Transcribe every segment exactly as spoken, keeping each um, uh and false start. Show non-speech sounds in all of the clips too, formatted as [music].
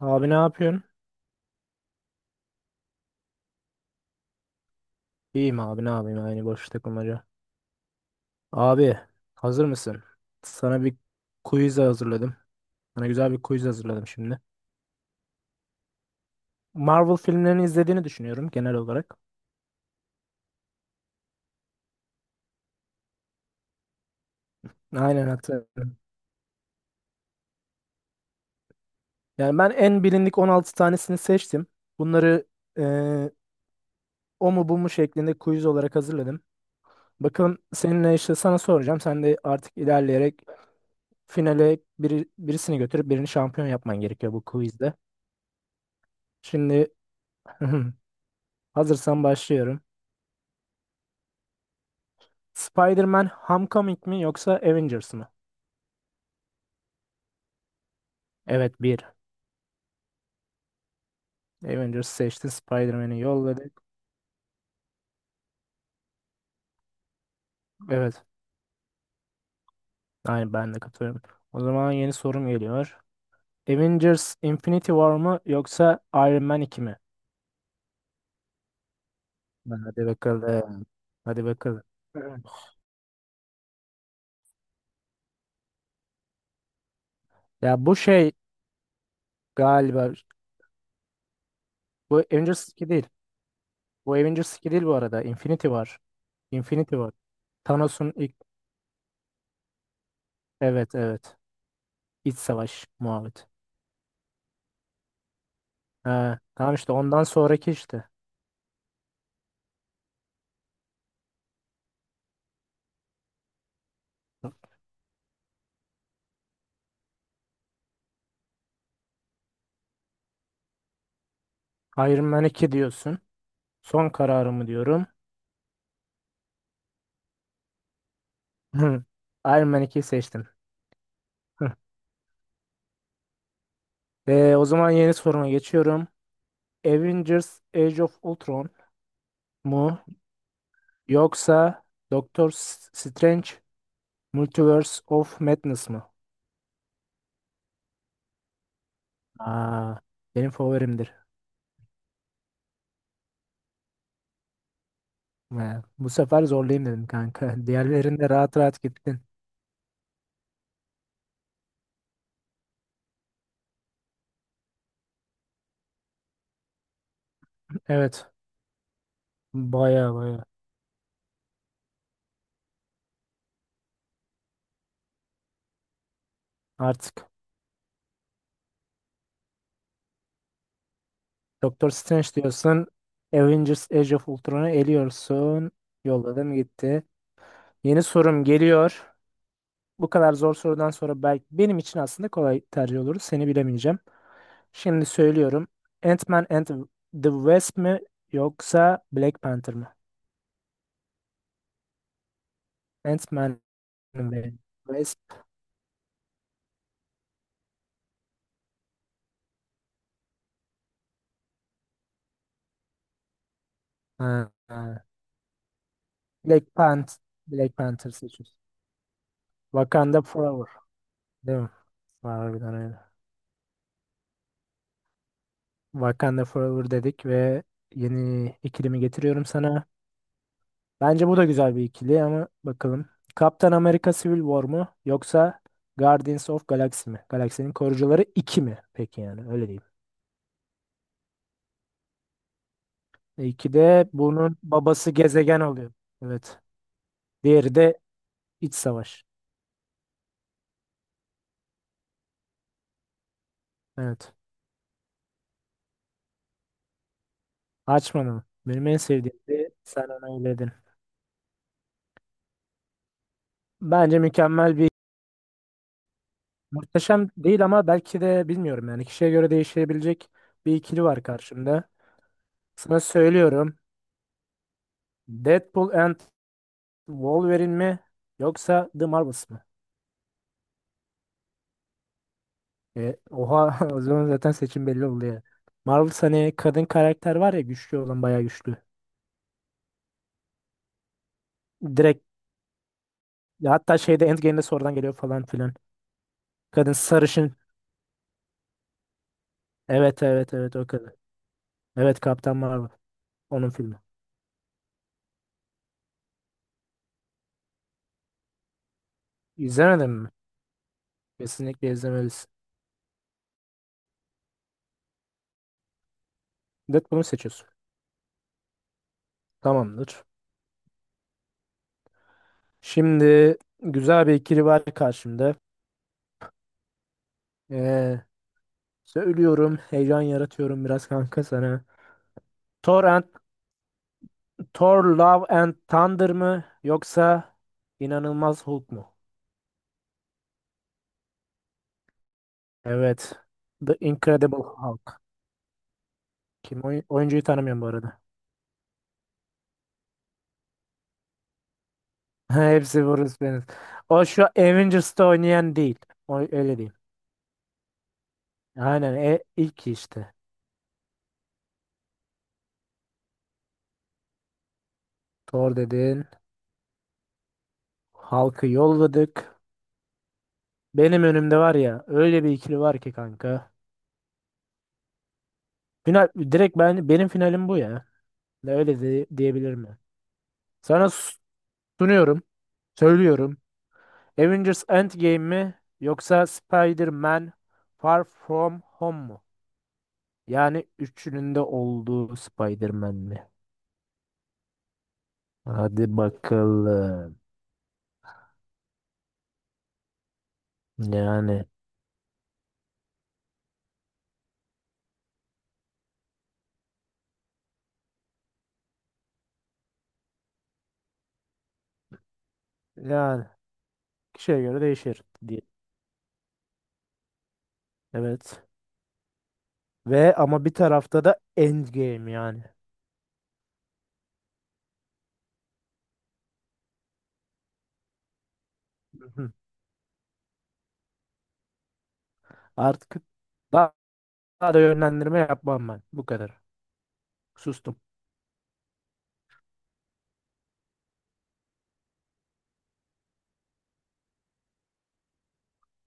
Abi ne yapıyorsun? İyiyim abi ne yapayım aynı boş takılmaca. Abi hazır mısın? Sana bir quiz hazırladım. Sana güzel bir quiz hazırladım şimdi. Marvel filmlerini izlediğini düşünüyorum genel olarak. Aynen hatırlıyorum. Yani ben en bilindik on altı tanesini seçtim. Bunları eee, o mu bu mu şeklinde quiz olarak hazırladım. Bakalım seninle işte sana soracağım. Sen de artık ilerleyerek finale biri, birisini götürüp birini şampiyon yapman gerekiyor bu quizde. Şimdi [laughs] hazırsan başlıyorum. Spider-Man Homecoming mi yoksa Avengers mı? Evet bir. Avengers seçtin, Spider-Man'i yolladık. Evet. Yani ben de katılıyorum. O zaman yeni sorum geliyor. Avengers Infinity War mı yoksa Iron Man iki mi? Hadi bakalım. Hadi bakalım. Evet. Ya bu şey galiba bu Avengers iki değil. Bu Avengers iki değil bu arada. Infinity War. Infinity War. Thanos'un ilk evet evet. İç savaş muhabbet. Ha, tamam işte ondan sonraki işte. Iron Man iki diyorsun. Son kararımı diyorum. [laughs] Iron Man ikiyi seçtim. Hı. Ee, o zaman yeni soruma geçiyorum. Avengers Age of Ultron mu yoksa Doctor S- Strange Multiverse of Madness mı? Aa, benim favorimdir. Ha, bu sefer zorlayayım dedim kanka. [laughs] Diğerlerinde rahat rahat gittin. Evet. Baya baya. Artık Doctor Strange diyorsun. Avengers Age of Ultron'u eliyorsun. Yolladım gitti. Yeni sorum geliyor. Bu kadar zor sorudan sonra belki benim için aslında kolay tercih olur. Seni bilemeyeceğim. Şimdi söylüyorum. Ant-Man and the Wasp mi yoksa Black Panther mı? Ant-Man ve Wasp. Ha, ha. Black Panther. Black Panther seçiyoruz. Wakanda Forever. Değil mi? Harbiden öyle. Wakanda Forever dedik ve yeni ikilimi getiriyorum sana. Bence bu da güzel bir ikili ama bakalım. Kaptan Amerika Civil War mu yoksa Guardians of Galaxy mi? Galaksinin Korucuları iki mi? Peki yani öyle diyeyim. E, İki de bunun babası gezegen oluyor. Evet. Diğeri de iç savaş. Evet. Açmadım. Benim en sevdiğim de sen ona eyledin. Bence mükemmel bir muhteşem değil ama belki de bilmiyorum yani kişiye göre değişebilecek bir ikili var karşımda. Sana söylüyorum. Deadpool and Wolverine mi yoksa The Marvels mı? E, oha [laughs] o zaman zaten seçim belli oldu ya. Marvel hani kadın karakter var ya güçlü olan bayağı güçlü. Direkt ya hatta şeyde Endgame'de sorudan geliyor falan filan. Kadın sarışın. Evet evet evet o kadın. Evet Kaptan Marvel. Onun filmi. İzlemedin mi? Kesinlikle izlemelisin. Deadpool'u seçiyorsun. Tamamdır. Şimdi güzel bir ikili var karşımda. Ee, söylüyorum, heyecan yaratıyorum biraz kanka sana. Thor Thor Love and Thunder mı yoksa İnanılmaz Hulk mu? Evet. The Incredible Hulk. Kim oy- oyuncuyu tanımıyorum bu arada. [laughs] Hepsi Bruce Banner. O şu Avengers'ta oynayan değil. O öyle değil. Aynen e, ilk işte. Thor dedin. Hulk'ı yolladık. Benim önümde var ya öyle bir ikili var ki kanka. Final direkt ben benim finalim bu ya. Ne Öyle de, diyebilir mi? Sana s- sunuyorum. Söylüyorum. Avengers Endgame mi yoksa Spider-Man Far From Home mu? Yani üçünün de olduğu Spider-Man mi? Hadi bakalım. Yani yani kişiye göre değişir diye. Evet. Ve ama bir tarafta da Endgame yani. [laughs] Artık daha, daha da yönlendirme yapmam ben. Bu kadar. Sustum.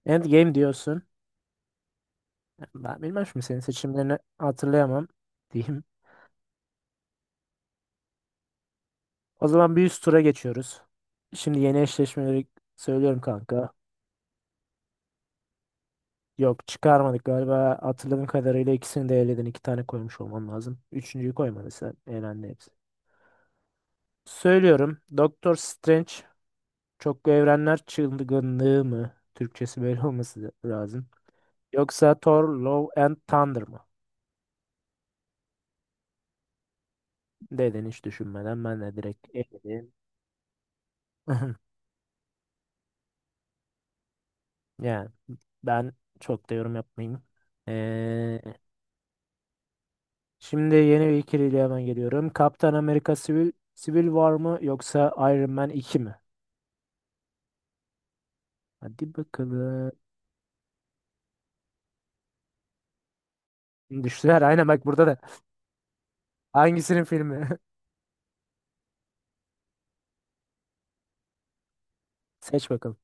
Endgame diyorsun. Ben bilmem şimdi senin seçimlerini hatırlayamam. Diyeyim o zaman bir üst tura geçiyoruz. Şimdi yeni eşleşmeleri söylüyorum kanka. Yok çıkarmadık galiba, hatırladığım kadarıyla ikisini de eledin. İki tane koymuş olman lazım. Üçüncüyü koymadın sen. Elendi hepsi. Söylüyorum. Doktor Strange çoklu evrenler çılgınlığı mı? Türkçesi böyle olması lazım. Yoksa Thor Love and Thunder mı? Dedin hiç düşünmeden ben de direkt eledim. [laughs] Yani ben çok da yorum yapmayayım. Ee, Şimdi yeni bir ikiliyle hemen geliyorum. Kaptan Amerika Civil, Civil War mı yoksa Iron Man iki mi? Hadi bakalım. Düştüler. Aynen bak, burada da. Hangisinin filmi? [laughs] Seç bakalım.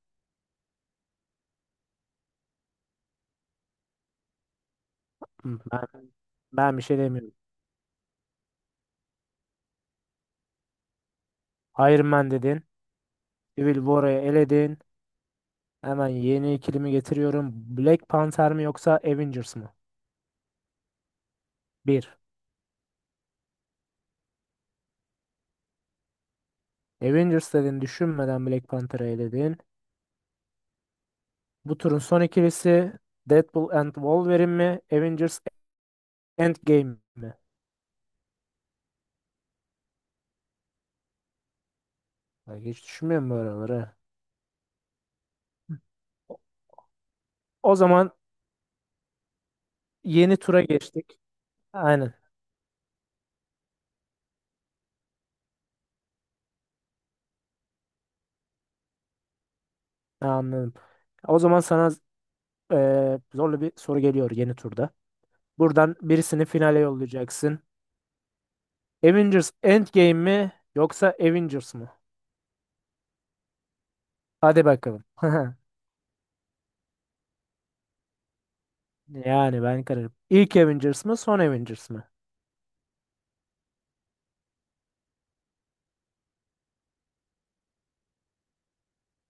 Hı, Ben, ben bir şey demiyorum. Iron Man dedin. Civil War'ı eledin. Hemen yeni ikilimi getiriyorum. Black Panther mi yoksa Avengers mı? Bir. Avengers dedin. Düşünmeden Black Panther'ı eledin. Bu turun son ikilisi Deadpool and Wolverine mi? Avengers Endgame mi? Bak hiç düşünmüyorum böyle onları. Ha. O o zaman yeni tura geçtik. Aynen. Ha, anladım. O zaman sana eee, zorlu bir soru geliyor yeni turda. Buradan birisini finale yollayacaksın. Avengers Endgame mi yoksa Avengers mı? Hadi bakalım. [laughs] Yani ben kararım. İlk Avengers mı son Avengers mı?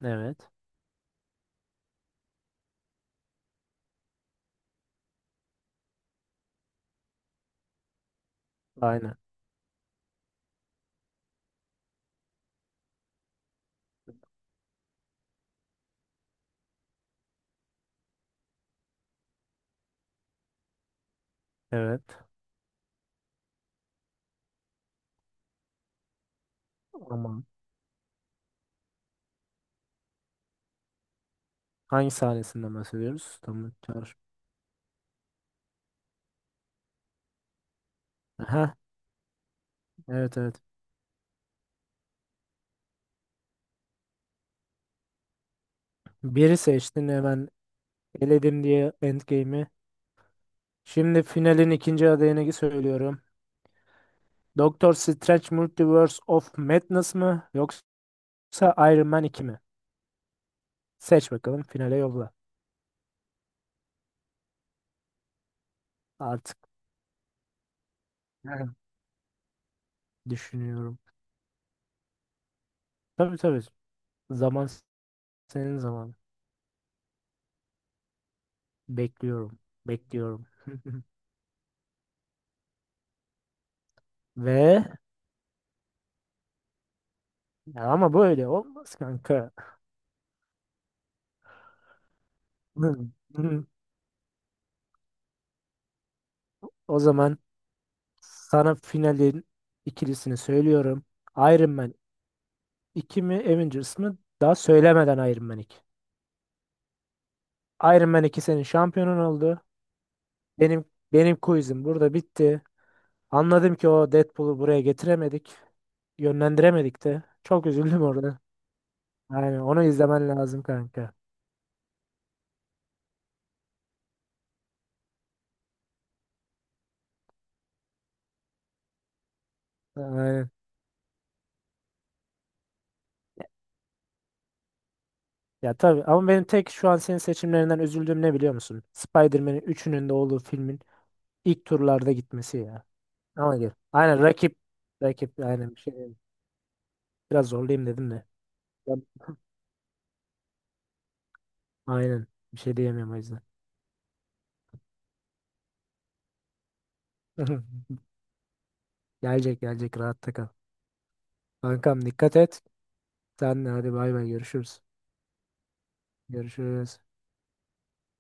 Evet. Aynen. Evet. Aman. Hangi sahnesinden bahsediyoruz? Tamam. Çağır. Aha. Evet evet. Biri seçtin hemen eledim diye Endgame'i. Şimdi finalin ikinci adayını söylüyorum. Doctor Strange Multiverse of Madness mı yoksa Iron Man iki mi? Seç bakalım, finale yolla. Artık evet. Düşünüyorum. Tabii tabii. Zaman senin zamanın. Bekliyorum. Bekliyorum. [laughs] Ve ya ama böyle olmaz kanka. [laughs] Hı, hı. O zaman sana finalin ikilisini söylüyorum. Iron Man iki mi Avengers mı? Daha söylemeden Iron Man iki. Iron Man iki senin şampiyonun oldu. Benim benim quizim burada bitti. Anladım ki o Deadpool'u buraya getiremedik. Yönlendiremedik de. Çok üzüldüm orada. Aynen onu izlemen lazım kanka. Aynen. Ya tabii ama benim tek şu an senin seçimlerinden üzüldüğüm ne biliyor musun? Spider-Man'in üçünün de olduğu filmin ilk turlarda gitmesi ya. Ama gel. Aynen, rakip rakip aynen bir şey diyeyim. Biraz zorlayayım dedim de. Ya- Aynen bir şey diyemiyorum o yüzden. [laughs] Gelecek gelecek rahatta kal. Kankam dikkat et. Sen de hadi bay bay görüşürüz. Görüşürüz.